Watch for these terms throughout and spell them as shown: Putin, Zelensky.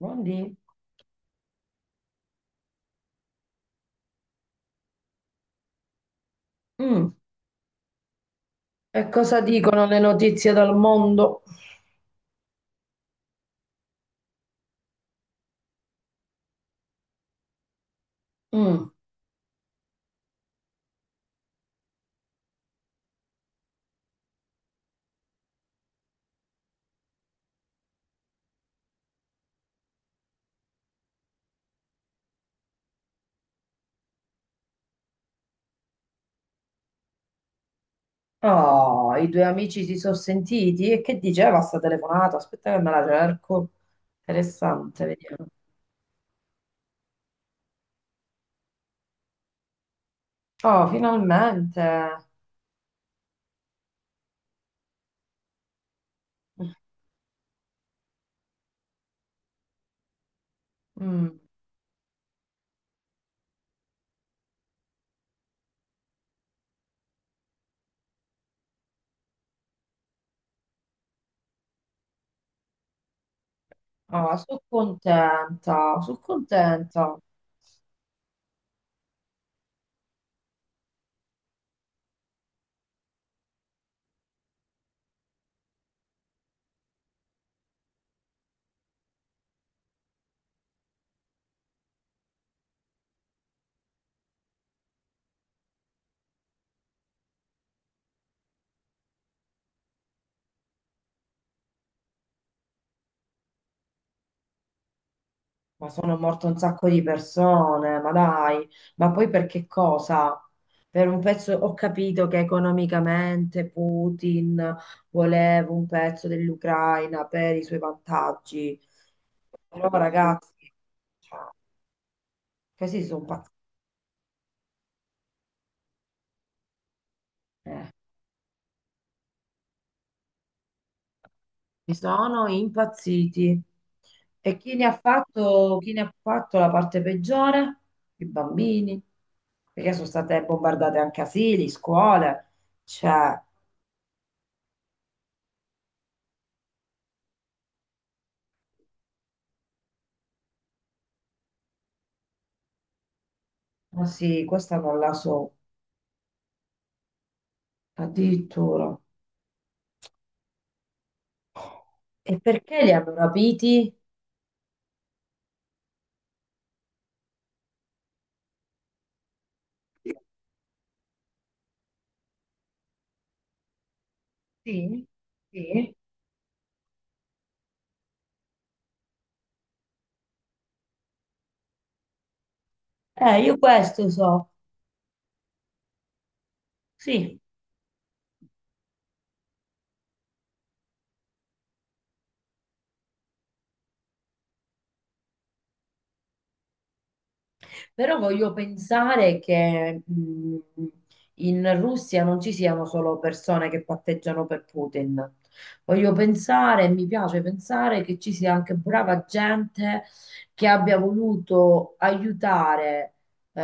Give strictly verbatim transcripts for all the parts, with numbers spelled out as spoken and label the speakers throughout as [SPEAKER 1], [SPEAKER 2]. [SPEAKER 1] Buondì. Mm. E cosa dicono le notizie dal mondo? Mm. Oh, i due amici si sono sentiti e che diceva sta telefonata? Aspetta che me la cerco. Interessante, vediamo. Oh, finalmente. Mm. Oh, sono contenta, sono contenta. Ma sono morte un sacco di persone, ma dai, ma poi per che cosa? Per un pezzo ho capito che economicamente Putin voleva un pezzo dell'Ucraina per i suoi vantaggi. Però ragazzi, cioè, questi sono pazz- eh, mi sono impazziti. E chi ne ha fatto, chi ne ha fatto la parte peggiore? I bambini, perché sono state bombardate anche asili, scuole. Cioè, ma sì, questa non la so, addirittura. E perché li hanno rapiti? Sì, sì. Eh, io questo so. Sì. Però voglio pensare che mh, in Russia non ci siano solo persone che patteggiano per Putin. Voglio pensare, mi piace pensare che ci sia anche brava gente che abbia voluto aiutare eh,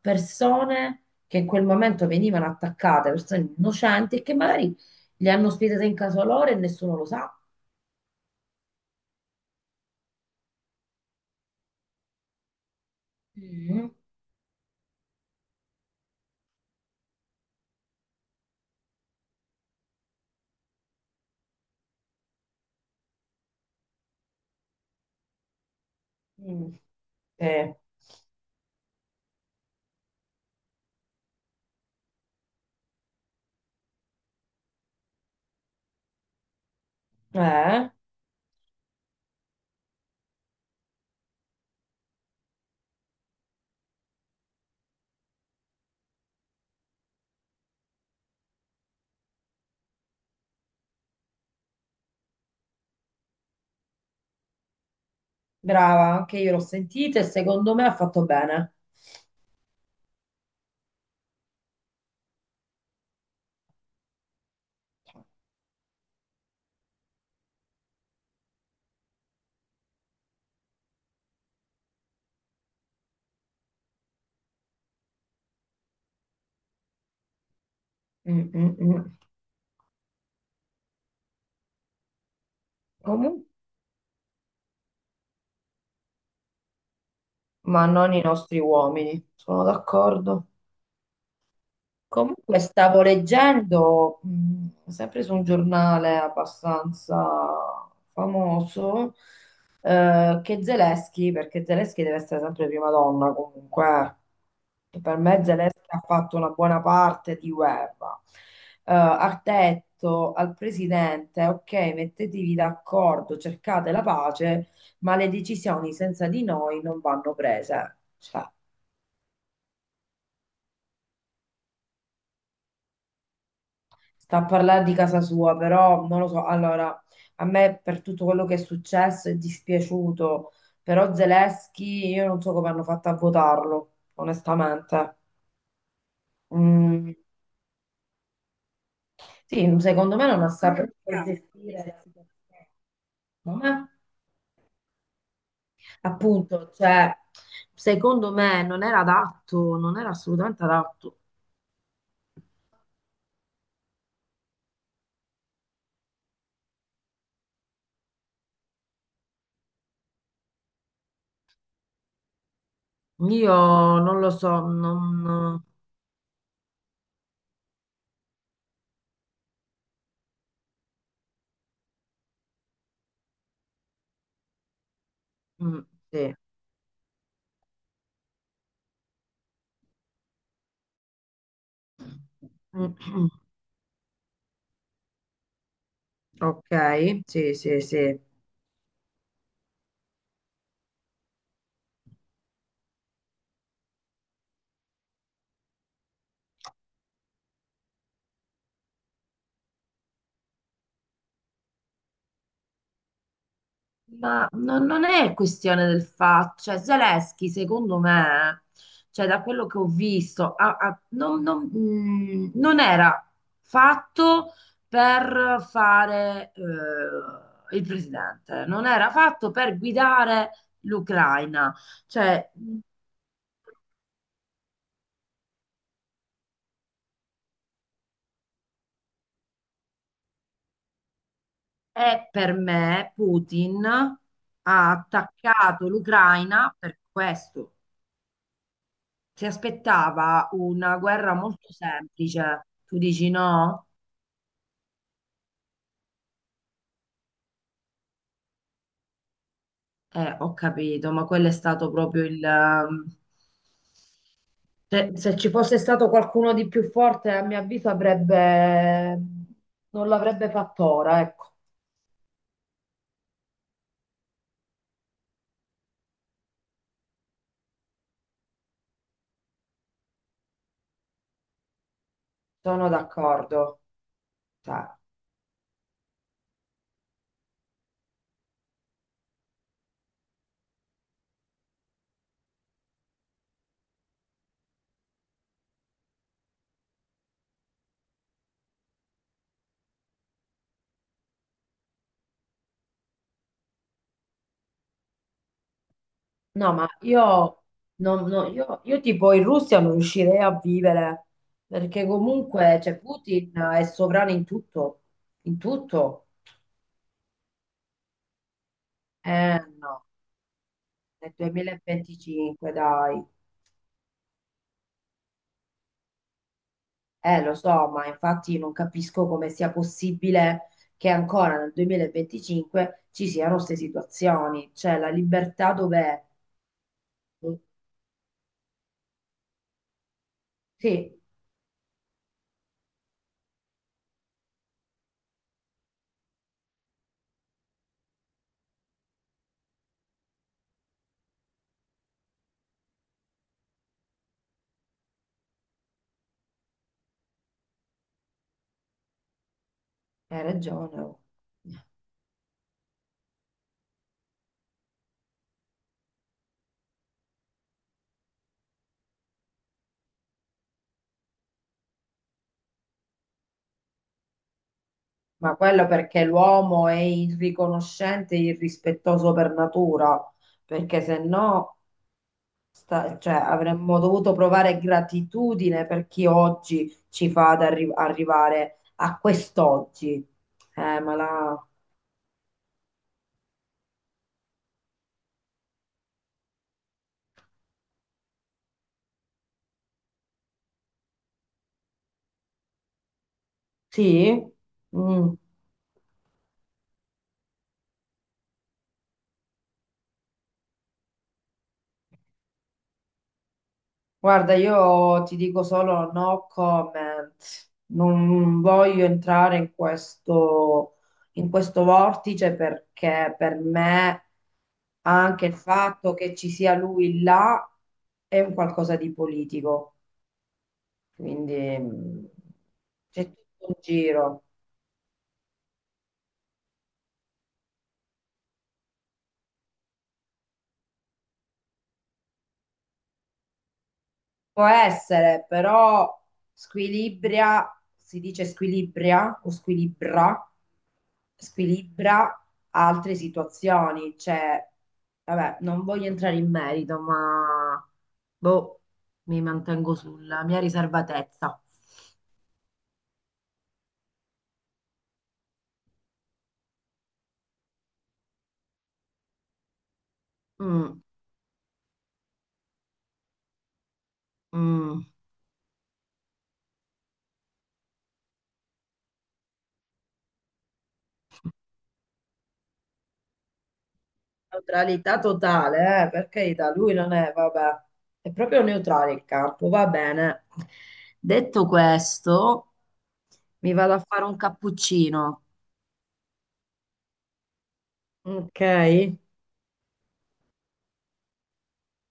[SPEAKER 1] persone che in quel momento venivano attaccate, persone innocenti, e che magari le hanno ospitate in casa loro e nessuno lo sa. Mm, mm, eh, eh. Brava, anche io l'ho sentita e secondo me ha fatto bene. Mm, mm, mm. Comun- ma non i nostri uomini, sono d'accordo. Comunque stavo leggendo, mh, sempre su un giornale abbastanza famoso, eh, che Zelensky, perché Zelensky deve essere sempre prima donna comunque, e per me Zelensky ha fatto una buona parte di guerra, eh, ha detto al presidente, ok, mettetevi d'accordo, cercate la pace, ma le decisioni senza di noi non vanno prese. Cioè, sta a parlare di casa sua, però non lo so. Allora, a me per tutto quello che è successo è dispiaciuto, però Zelensky io non so come hanno fatto a votarlo, onestamente. Mm, sì, secondo me non ha proprio saputo bravo gestire la situazione. Ma, appunto, cioè, secondo me non era adatto, non era assolutamente adatto. Io non lo so, non... Mm, sì. Ok, sì, sì, sì. Ma no- non è questione del fatto, cioè Zelensky secondo me, cioè da quello che ho visto, ha- ha- non, non- mh, non era fatto per fare eh, il presidente, non era fatto per guidare l'Ucraina, cioè è per me Putin ha attaccato l'Ucraina per questo, si aspettava una guerra molto semplice, tu dici no? Eh, ho capito, ma quello è stato proprio il... ehm, cioè, se ci fosse stato qualcuno di più forte, a mio avviso avrebbe... non l'avrebbe fatto ora, ecco, sono d'accordo. Cioè, no, ma io, non- no, io, io tipo in Russia non riuscirei a vivere, perché comunque cioè, Putin è sovrano in tutto, in tutto. Eh no, nel duemilaventicinque, dai. Eh, lo so, ma infatti non capisco come sia possibile che ancora nel duemilaventicinque ci siano queste situazioni. Cioè, la libertà dov'è? Mm, sì, hai ragione, oh. Ma quello perché l'uomo è irriconoscente e irrispettoso per natura, perché se no, sta- cioè, avremmo dovuto provare gratitudine per chi oggi ci fa ad arri- arrivare a quest'oggi. Eh, ma la... Sì? Mm. Guarda, io ti dico solo no comment, non voglio entrare in questo, in questo vortice perché per me anche il fatto che ci sia lui là è un qualcosa di politico, quindi mm, c'è tutto un giro. Può essere, però squilibria, si dice squilibria o squilibra, squilibra altre situazioni. Cioè, vabbè, non voglio entrare in merito, ma boh, mi mantengo sulla mia riservatezza. Mm, mm. Neutralità totale, eh, per carità, lui non è, vabbè, è proprio neutrale il campo, va bene. Detto questo, mi vado a fare un cappuccino, ok?